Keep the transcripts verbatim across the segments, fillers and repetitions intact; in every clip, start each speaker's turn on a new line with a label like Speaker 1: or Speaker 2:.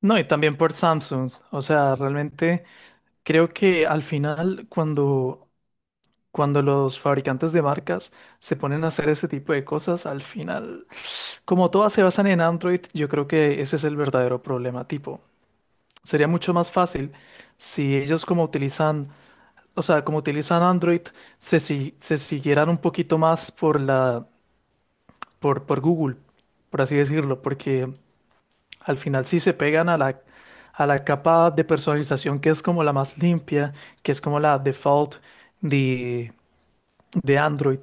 Speaker 1: No, y también por Samsung. O sea, realmente creo que al final cuando, cuando los fabricantes de marcas se ponen a hacer ese tipo de cosas, al final, como todas se basan en Android, yo creo que ese es el verdadero problema. Tipo, sería mucho más fácil si ellos como utilizan, o sea, como utilizan Android, se, si- se siguieran un poquito más por la, por, por Google, por así decirlo, porque al final sí se pegan a la, a la capa de personalización que es como la más limpia, que es como la default de, de Android.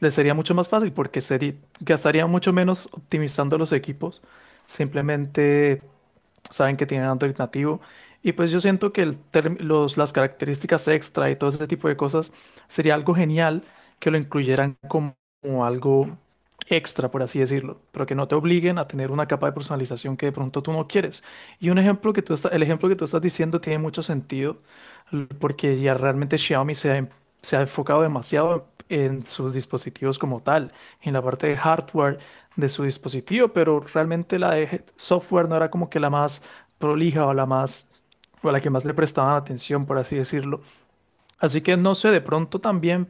Speaker 1: Les sería mucho más fácil porque sería, gastaría mucho menos optimizando los equipos. Simplemente saben que tienen Android nativo. Y pues yo siento que el term- los, las características extra y todo ese tipo de cosas sería algo genial que lo incluyeran como, como algo extra, por así decirlo, pero que no te obliguen a tener una capa de personalización que de pronto tú no quieres. Y un ejemplo que tú está- el ejemplo que tú estás diciendo tiene mucho sentido l- porque ya realmente Xiaomi se ha, en- se ha enfocado demasiado en sus dispositivos como tal, en la parte de hardware de su dispositivo, pero realmente la de Head Software no era como que la más prolija o la más o la que más le prestaban atención, por así decirlo. Así que no sé, de pronto también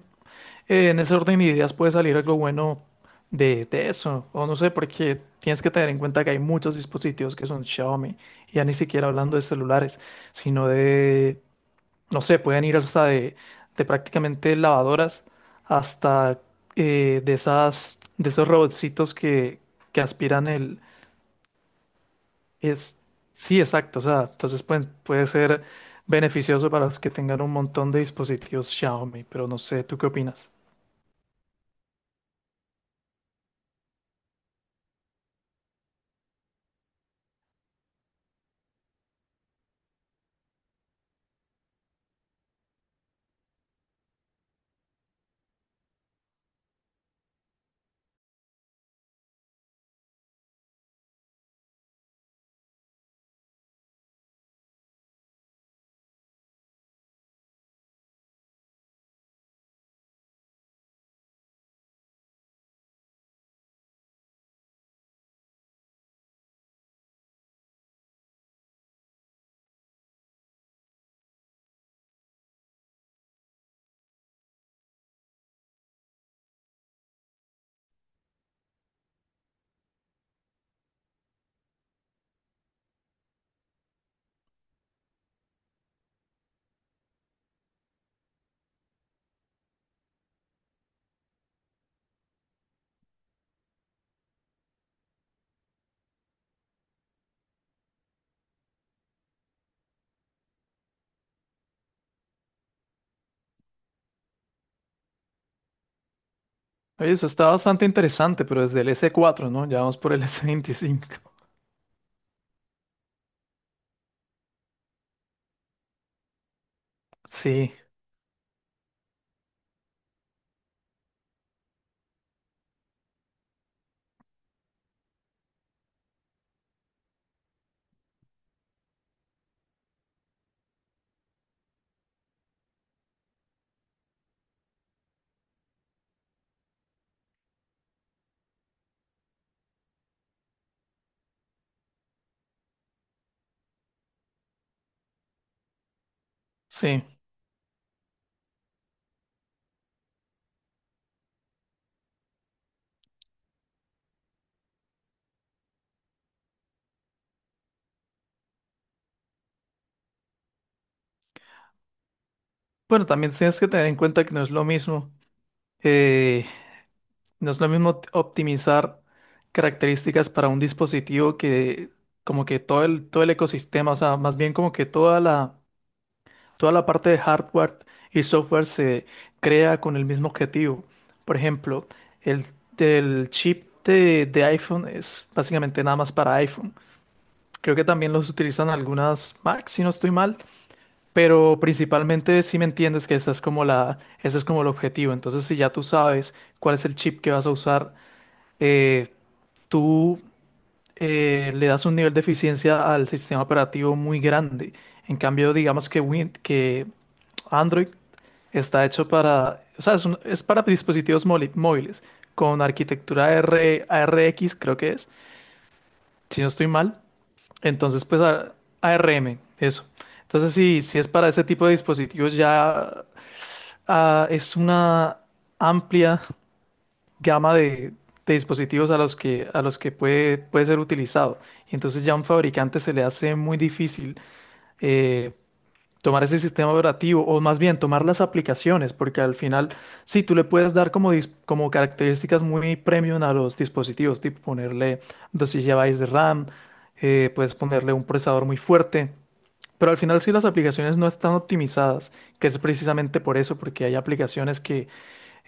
Speaker 1: eh, en ese orden de ideas puede salir algo bueno de, de eso, o no sé, porque tienes que tener en cuenta que hay muchos dispositivos que son Xiaomi, ya ni siquiera hablando de celulares, sino de no sé, pueden ir hasta de, de prácticamente lavadoras hasta eh, de esas, de esos robotcitos que, que aspiran el, es, sí, exacto, o sea, entonces pueden- puede ser beneficioso para los que tengan un montón de dispositivos Xiaomi, pero no sé, ¿tú qué opinas? Oye, eso está bastante interesante, pero desde el s cuatro, ¿no? Ya vamos por el s veinticinco. Sí, sí. Bueno, también tienes que tener en cuenta que no es lo mismo. eh, No es lo mismo t- optimizar características para un dispositivo que como que todo el, todo el ecosistema, o sea, más bien como que toda la, toda la parte de hardware y software se crea con el mismo objetivo. Por ejemplo, el, el chip de, de iPhone es básicamente nada más para iPhone. Creo que también los utilizan algunas Mac, si no estoy mal, pero principalmente si me entiendes que esa es como la, ese es como el objetivo. Entonces, si ya tú sabes cuál es el chip que vas a usar, eh, tú eh, le das un nivel de eficiencia al sistema operativo muy grande. En cambio, digamos que, Win- que Android está hecho para, o sea, es, un- es para dispositivos moli- móviles con arquitectura R, A R X, creo que es, si no estoy mal. Entonces, pues a- ARM, eso. Entonces, si, si es para ese tipo de dispositivos, ya ah, es una amplia gama de, de dispositivos a los que, a los que puede, puede ser utilizado. Y entonces ya a un fabricante se le hace muy difícil eh, tomar ese sistema operativo o más bien tomar las aplicaciones, porque al final sí, tú le puedes dar como, dis- como características muy premium a los dispositivos, tipo ponerle doce gigabytes de RAM, eh, puedes ponerle un procesador muy fuerte. Pero al final si las aplicaciones no están optimizadas, que es precisamente por eso, porque hay aplicaciones que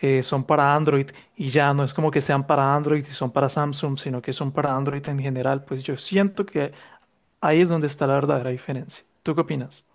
Speaker 1: eh, son para Android y ya no es como que sean para Android y son para Samsung, sino que son para Android en general, pues yo siento que ahí es donde está la verdadera diferencia. ¿Tú qué opinas?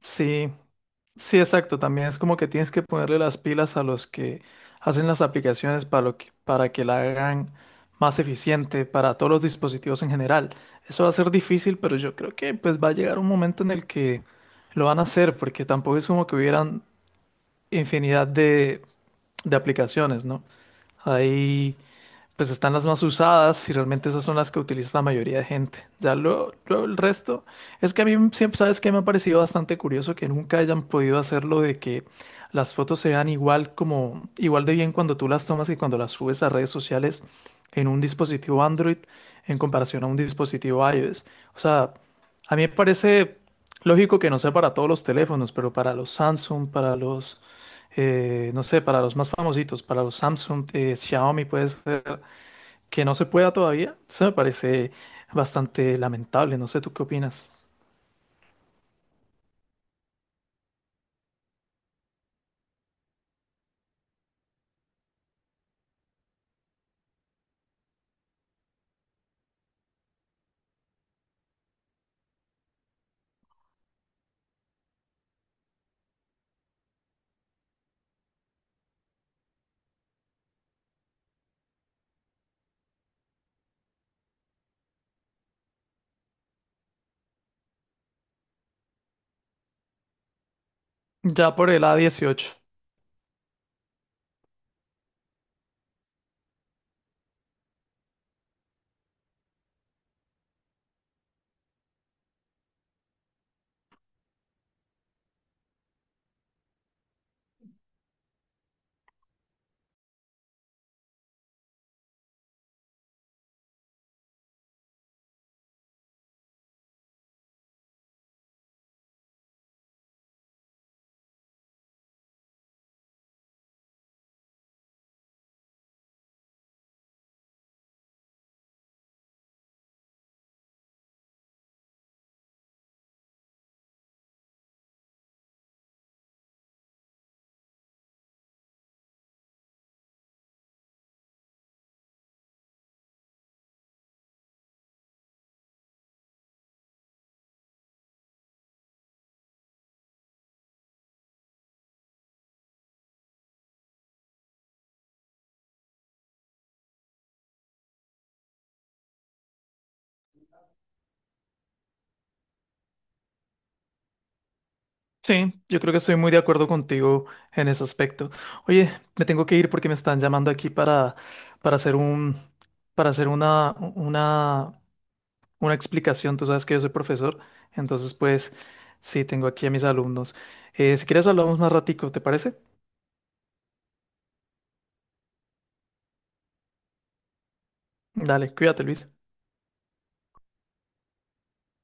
Speaker 1: Sí, sí, exacto. También es como que tienes que ponerle las pilas a los que hacen las aplicaciones para, lo que- para que la hagan más eficiente para todos los dispositivos en general. Eso va a ser difícil, pero yo creo que pues va a llegar un momento en el que lo van a hacer, porque tampoco es como que hubieran infinidad de, de aplicaciones, ¿no? Hay, pues están las más usadas y realmente esas son las que utiliza la mayoría de gente. Ya luego, luego el resto es que a mí siempre, ¿sabes qué? Me ha parecido bastante curioso que nunca hayan podido hacerlo de que las fotos se vean igual como, igual de bien cuando tú las tomas y cuando las subes a redes sociales en un dispositivo Android en comparación a un dispositivo iOS. O sea, a mí me parece lógico que no sea para todos los teléfonos, pero para los Samsung, para los eh, no sé, para los más famositos, para los Samsung, eh, Xiaomi puede ser, que no se pueda todavía, eso me parece bastante lamentable. No sé, ¿tú qué opinas? Ya por el a dieciocho. Sí, yo creo que estoy muy de acuerdo contigo en ese aspecto. Oye, me tengo que ir porque me están llamando aquí para, para hacer un, para hacer una, una, una explicación. Tú sabes que yo soy profesor, entonces pues sí, tengo aquí a mis alumnos. Eh, si quieres hablamos más ratico, ¿te parece? Dale, cuídate, Luis.